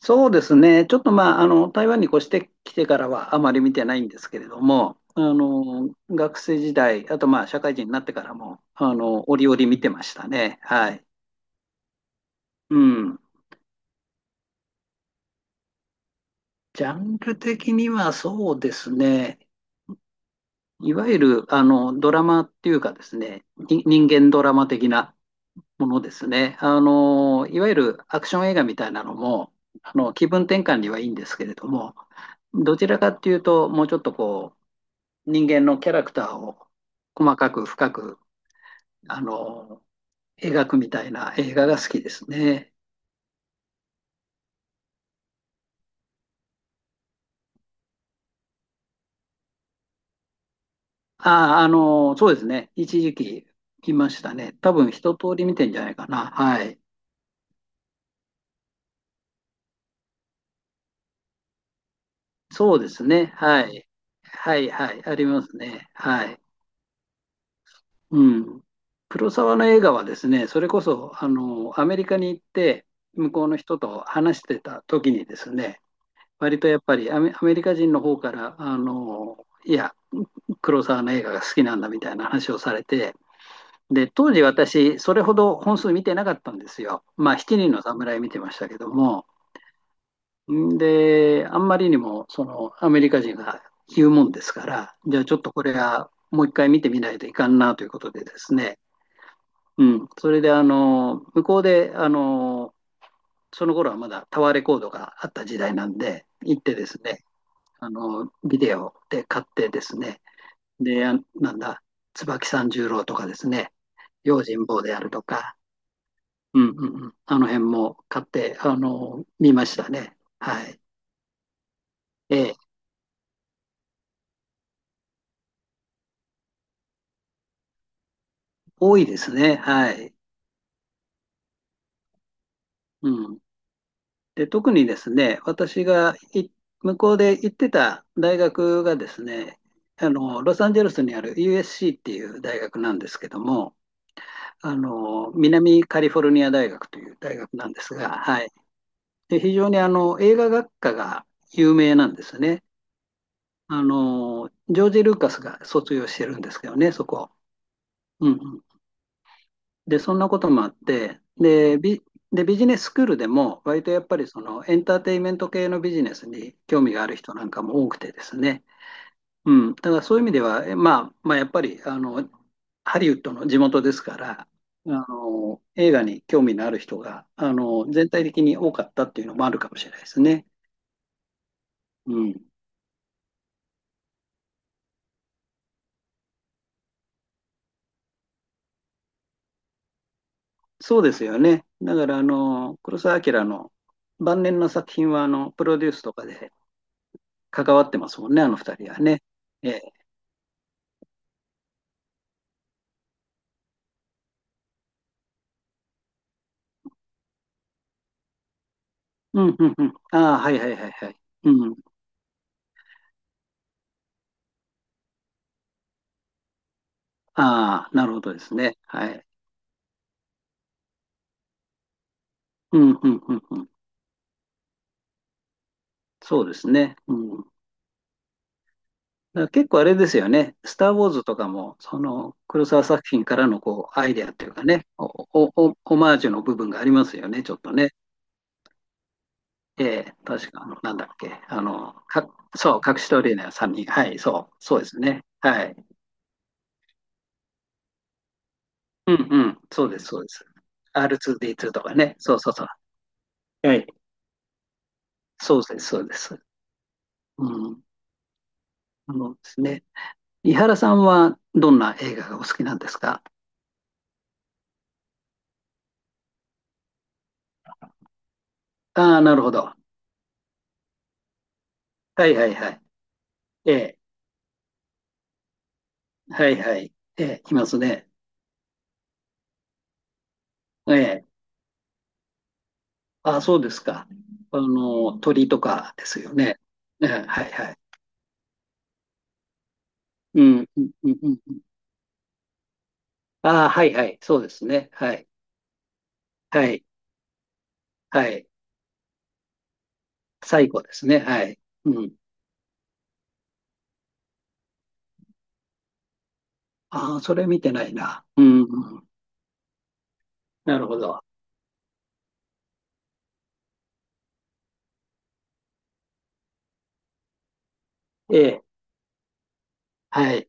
そうですね。ちょっとまあ、台湾に越してきてからはあまり見てないんですけれども、学生時代、あとまあ、社会人になってからも、折々見てましたね。はい。うん。ジャンル的にはそうですね。いわゆる、ドラマっていうかですね、に人間ドラマ的なものですね。いわゆるアクション映画みたいなのも、気分転換にはいいんですけれども、どちらかっていうと、もうちょっと人間のキャラクターを細かく深く、あの、描くみたいな映画が好きですね。ああ、そうですね。一時期見ましたね。多分一通り見てんじゃないかな。はい。そうですね。はい。はい、はい。ありますね。はい。うん。黒沢の映画はですね、それこそ、アメリカに行って、向こうの人と話してた時にですね、割とやっぱりアメリカ人の方から、いや、黒沢の映画が好きなんだみたいな話をされて、で、当時私、それほど本数見てなかったんですよ。まあ、七人の侍見てましたけども、で、あんまりにも、その、アメリカ人が言うもんですから、じゃあちょっとこれはもう一回見てみないといかんなということでですね、うん、それで、向こうで、その頃はまだタワーレコードがあった時代なんで、行ってですね、ビデオで買ってですね、で、なんだ、椿三十郎とかですね、用心棒であるとか、うんうあの辺も買って、見ましたね。はい。ええ、多いですね。はい。うん。で、特にですね、私が向こうで行ってた大学がですね、ロサンゼルスにある USC っていう大学なんですけども、南カリフォルニア大学という大学なんですが、はい。で、非常に映画学科が有名なんですね。ジョージ・ルーカスが卒業してるんですけどね、そこ。うんうんで、そんなこともあって、で、ビジネススクールでも、割とやっぱりそのエンターテインメント系のビジネスに興味がある人なんかも多くてですね、うん、だからそういう意味では、えまあ、まあ、やっぱりハリウッドの地元ですから、映画に興味のある人が全体的に多かったっていうのもあるかもしれないですね。うん、そうですよね。だから黒澤明の晩年の作品はプロデュースとかで関わってますもんね、あの二人はね。ええうん、うん、うん。ああ、はい、はい、はい、はい。うん。ああ、なるほどですね。はい。うん、うん、うん、うん。そうですね。うん。だから結構あれですよね。スター・ウォーズとかも、その、黒沢作品からのこう、アイデアっていうかね、お、お、お、オマージュの部分がありますよね、ちょっとね。ええ、確か、なんだっけ。そう、隠しトレーナー3人。はい、そう、そうですね。はい。うん、うん、そうです、そうです。R2D2 とかね。そうそうそう。はい。そうです、そうです。うん。あのですね。伊原さんはどんな映画がお好きなんですか？ああー、なるほど。はいはいはい。ええ、はいはい。ええ、いますね。ええ、ああ、そうですか。鳥とかですよね。ええ、はいはい。うん、うん、うん。うんああ、はいはい。そうですね。はい。はい。はい。最後ですね。はい。うん。ああ、それ見てないな。うん、うん。なるほど。ええ、はい。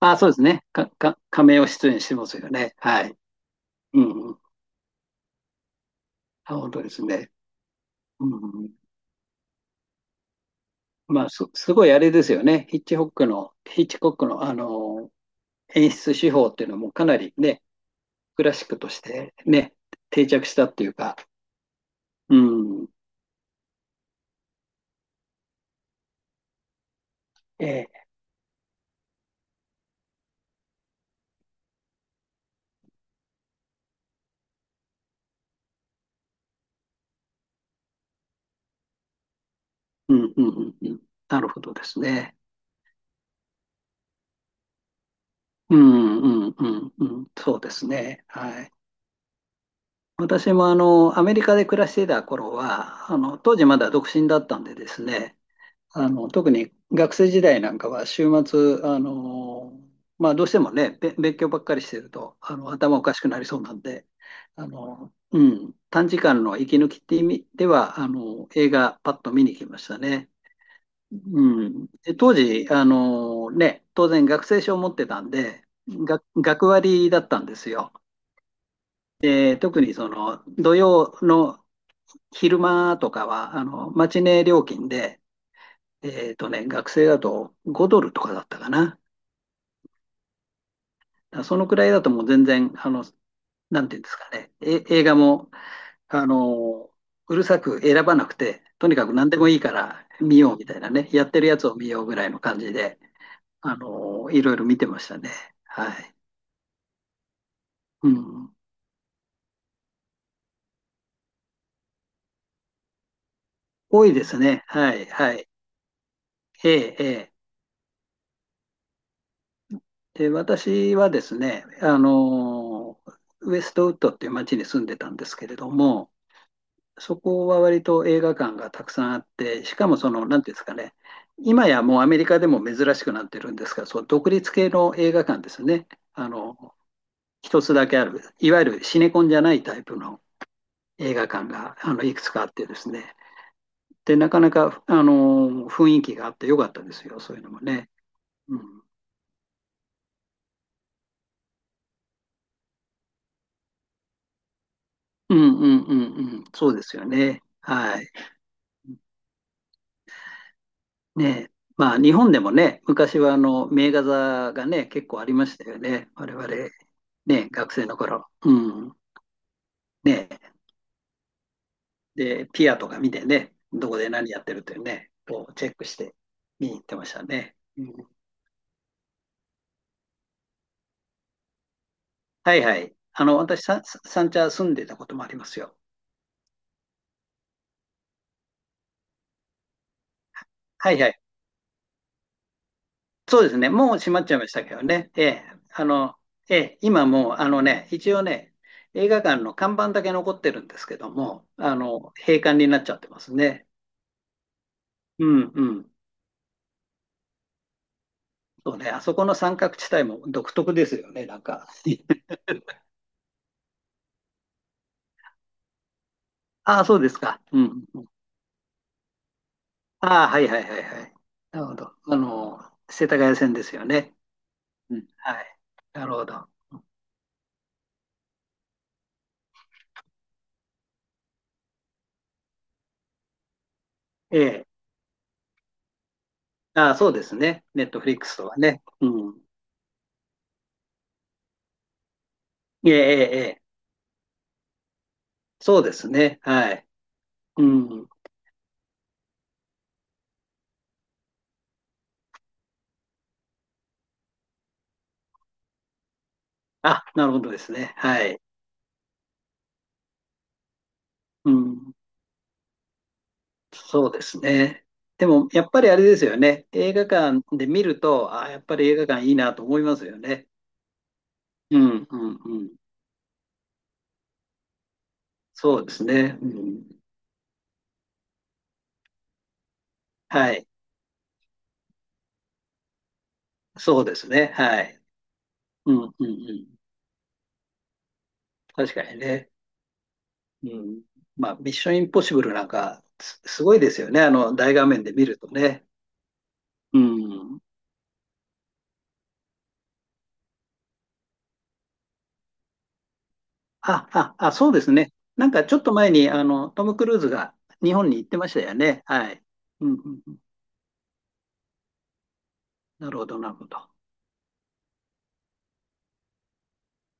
ああ、そうですね。亀を出演してますよね。はい。うん、うん。あ、本当ですね。うんまあ、すごいあれですよね。ヒッチコックの、演出手法っていうのもかなりね、クラシックとしてね、定着したっていうか、うん、ええ、うん、うん、うん、うん、なるほどですね。うん、うん、うん、うん、そうですね。はい。私もアメリカで暮らしていた頃は、当時まだ独身だったんでですね、特に学生時代なんかは週末、まあ、どうしてもね、勉強ばっかりしてると、頭おかしくなりそうなんで、うん、短時間の息抜きって意味では、映画パッと見に来ましたね。うん。で当時、ね、当然学生証を持ってたんで、が学割だったんですよ。特にその土曜の昼間とかはマチネ料金で学生だと5ドルとかだったかな。だからそのくらいだともう全然、なんていうんですかね、映画も、あの、うるさく選ばなくて、とにかく何でもいいから見ようみたいなね、やってるやつを見ようぐらいの感じで、いろいろ見てましたね。はい。うん。多いですね。はい、はい。ええ、ええ。で、私はですね、ウェストウッドっていう町に住んでたんですけれども、そこは割と映画館がたくさんあって、しかもその、なんていうんですかね、今やもうアメリカでも珍しくなってるんですが、そう独立系の映画館ですね。あの、一つだけある、いわゆるシネコンじゃないタイプの映画館が、いくつかあってですね。で、なかなか、雰囲気があってよかったですよ、そういうのもね。うん、うん、うん、うん、うんそうですよね。はい。ねえ、まあ日本でもね、昔は名画座がね、結構ありましたよね。我々、ね、学生の頃。うん。ねえ、で、ピアとか見てね、どこで何やってるっていうね、こうチェックして見に行ってましたね。うん、はいはい。私、三茶住んでたこともありますよ。はいはい。そうですね。もう閉まっちゃいましたけどね。ええ、あの、ええ、今もう、あのね、一応ね、映画館の看板だけ残ってるんですけども、閉館になっちゃってますね。うんうん。そうね。あそこの三角地帯も独特ですよね。なんか。ああ、そうですか。うん。ああ、はいはいはいはい。なるほど。世田谷線ですよね。うん。はい。なるほど。ええ。ああ、そうですね。ネットフリックスとはね。うん。ええ、ええ、ええそうですね。はい。うん。あ、なるほどですね。はい。うん。そうですね。でも、やっぱりあれですよね。映画館で見ると、ああ、やっぱり映画館いいなと思いますよね。うん、うん、うん。そうですね。うん。はい。そうですね。はい。うん、うん、うん。確かにね。うん。まあ、ミッションインポッシブルなんか、すごいですよね。大画面で見るとね。うん。あ、そうですね。なんかちょっと前に、トム・クルーズが日本に行ってましたよね。はい。うん、うん、うん。なるほど、なるほど。